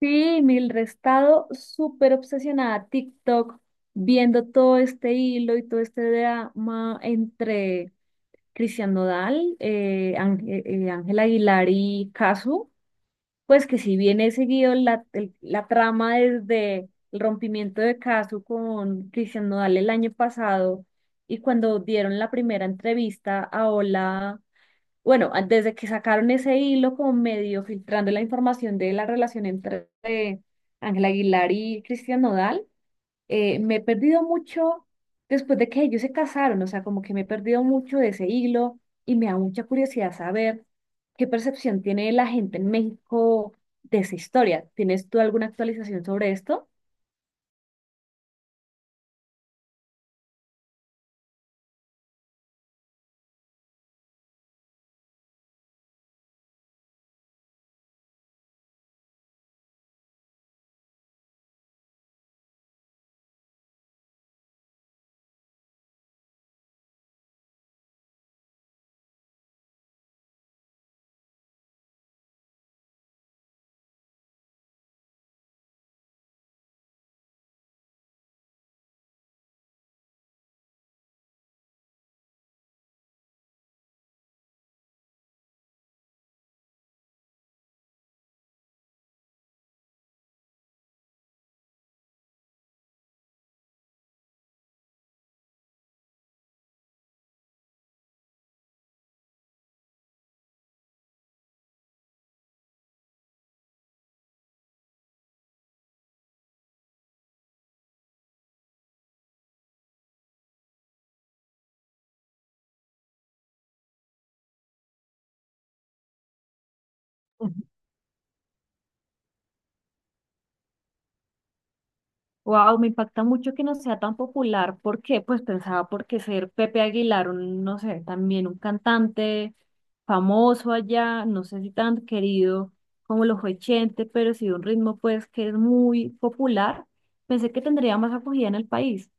Sí, Mildred, he estado súper obsesionada a TikTok, viendo todo este hilo y todo este drama entre Cristian Nodal, Ángel, Ángel Aguilar y Casu. Pues que si bien he seguido la trama desde el rompimiento de Casu con Cristian Nodal el año pasado y cuando dieron la primera entrevista a Hola. Bueno, desde que sacaron ese hilo como medio filtrando la información de la relación entre Ángela Aguilar y Cristian Nodal. Me he perdido mucho después de que ellos se casaron, o sea, como que me he perdido mucho de ese hilo y me da mucha curiosidad saber qué percepción tiene la gente en México de esa historia. ¿Tienes tú alguna actualización sobre esto? Wow, me impacta mucho que no sea tan popular. ¿Por qué? Pues pensaba porque ser Pepe Aguilar, un, no sé, también un cantante famoso allá, no sé si tan querido como lo fue Chente, pero sí de un ritmo pues que es muy popular. Pensé que tendría más acogida en el país.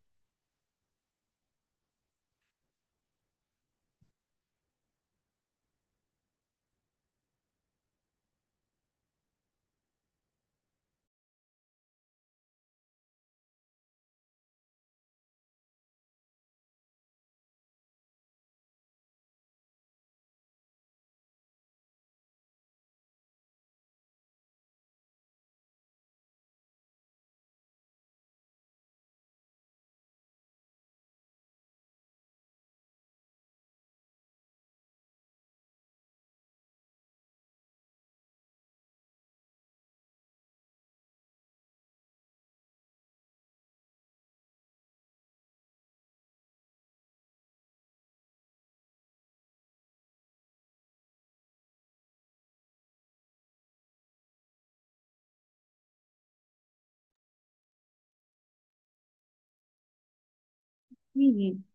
Sí,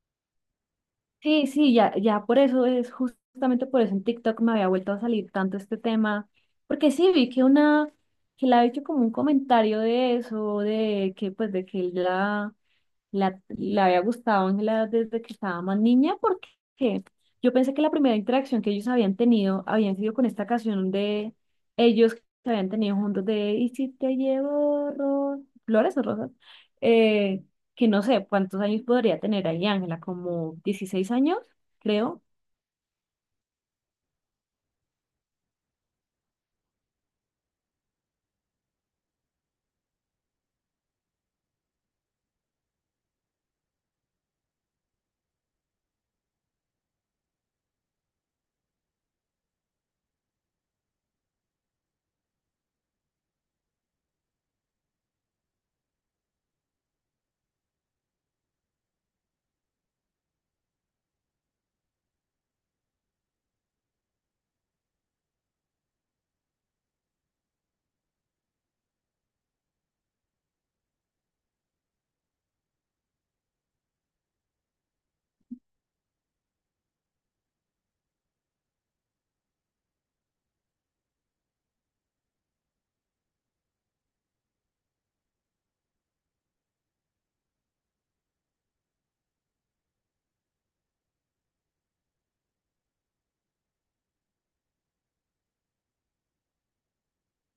sí, sí, ya, ya por eso es justamente por eso en TikTok me había vuelto a salir tanto este tema, porque sí vi que que le ha hecho como un comentario de eso, de que pues de que él ya la había gustado Ángela desde que estaba más niña, porque yo pensé que la primera interacción que ellos habían tenido habían sido con esta canción de ellos que habían tenido juntos de ¿Y si te llevo flores o rosas? Eh, que no sé cuántos años podría tener ahí Ángela, como 16 años, creo.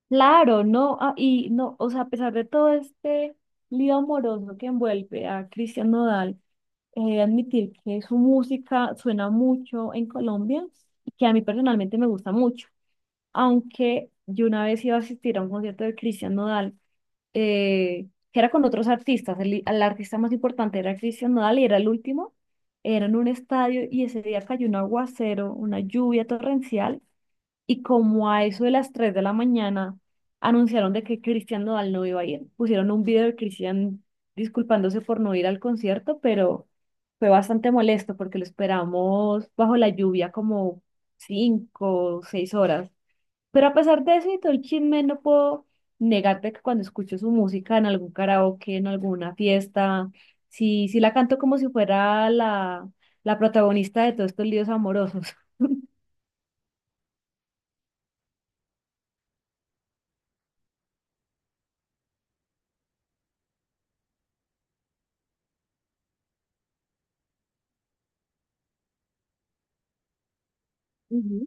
Claro, no, ah, y no, o sea, a pesar de todo este lío amoroso que envuelve a Cristian Nodal, he admitir que su música suena mucho en Colombia y que a mí personalmente me gusta mucho. Aunque yo una vez iba a asistir a un concierto de Christian Nodal, que era con otros artistas. El artista más importante era Christian Nodal y era el último. Era en un estadio y ese día cayó un aguacero, una lluvia torrencial, y como a eso de las 3 de la mañana anunciaron de que Cristian Nodal no iba a ir. Pusieron un video de Cristian disculpándose por no ir al concierto, pero fue bastante molesto porque lo esperamos bajo la lluvia como cinco o 6 horas. Pero a pesar de eso y todo el chisme, no puedo negarte que cuando escucho su música en algún karaoke, en alguna fiesta, sí, sí la canto como si fuera la protagonista de todos estos líos amorosos. Ujú,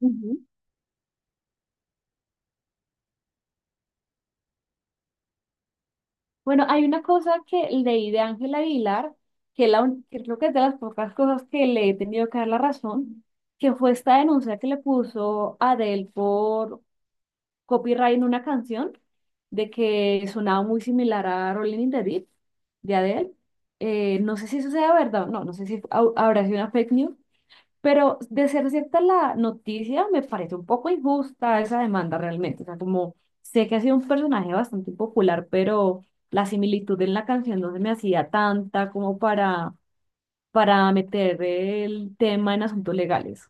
ujú. Bueno, hay una cosa que leí de Ángela Aguilar, que creo que es de las pocas cosas que le he tenido que dar la razón, que fue esta denuncia que le puso Adele por copyright en una canción, de que sonaba muy similar a Rolling in the Deep de Adele. No sé si eso sea verdad o no, no sé si habrá sido una fake news, pero de ser cierta la noticia, me parece un poco injusta esa demanda realmente. O sea, como sé que ha sido un personaje bastante popular, pero la similitud en la canción no se me hacía tanta como para meter el tema en asuntos legales.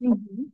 Ujú.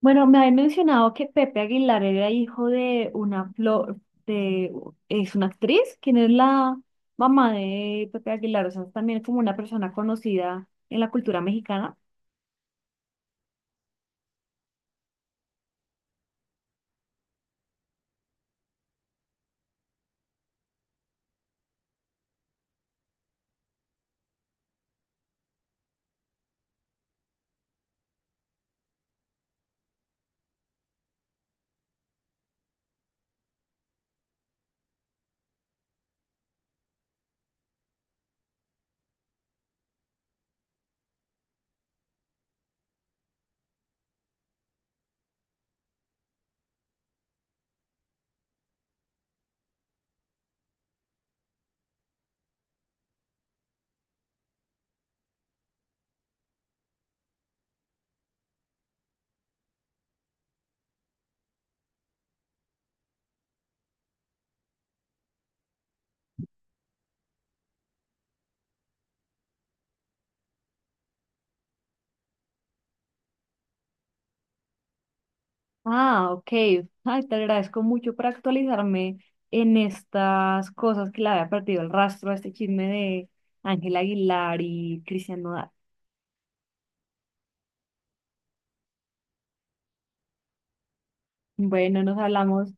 Bueno, me habían mencionado que Pepe Aguilar era hijo de una flor, de, es una actriz, quien es la mamá de Pepe Aguilar, o sea, es también como una persona conocida en la cultura mexicana. Ah, ok. Ay, te agradezco mucho por actualizarme en estas cosas que le había perdido el rastro a este chisme de Ángel Aguilar y Cristian Nodal. Bueno, nos hablamos.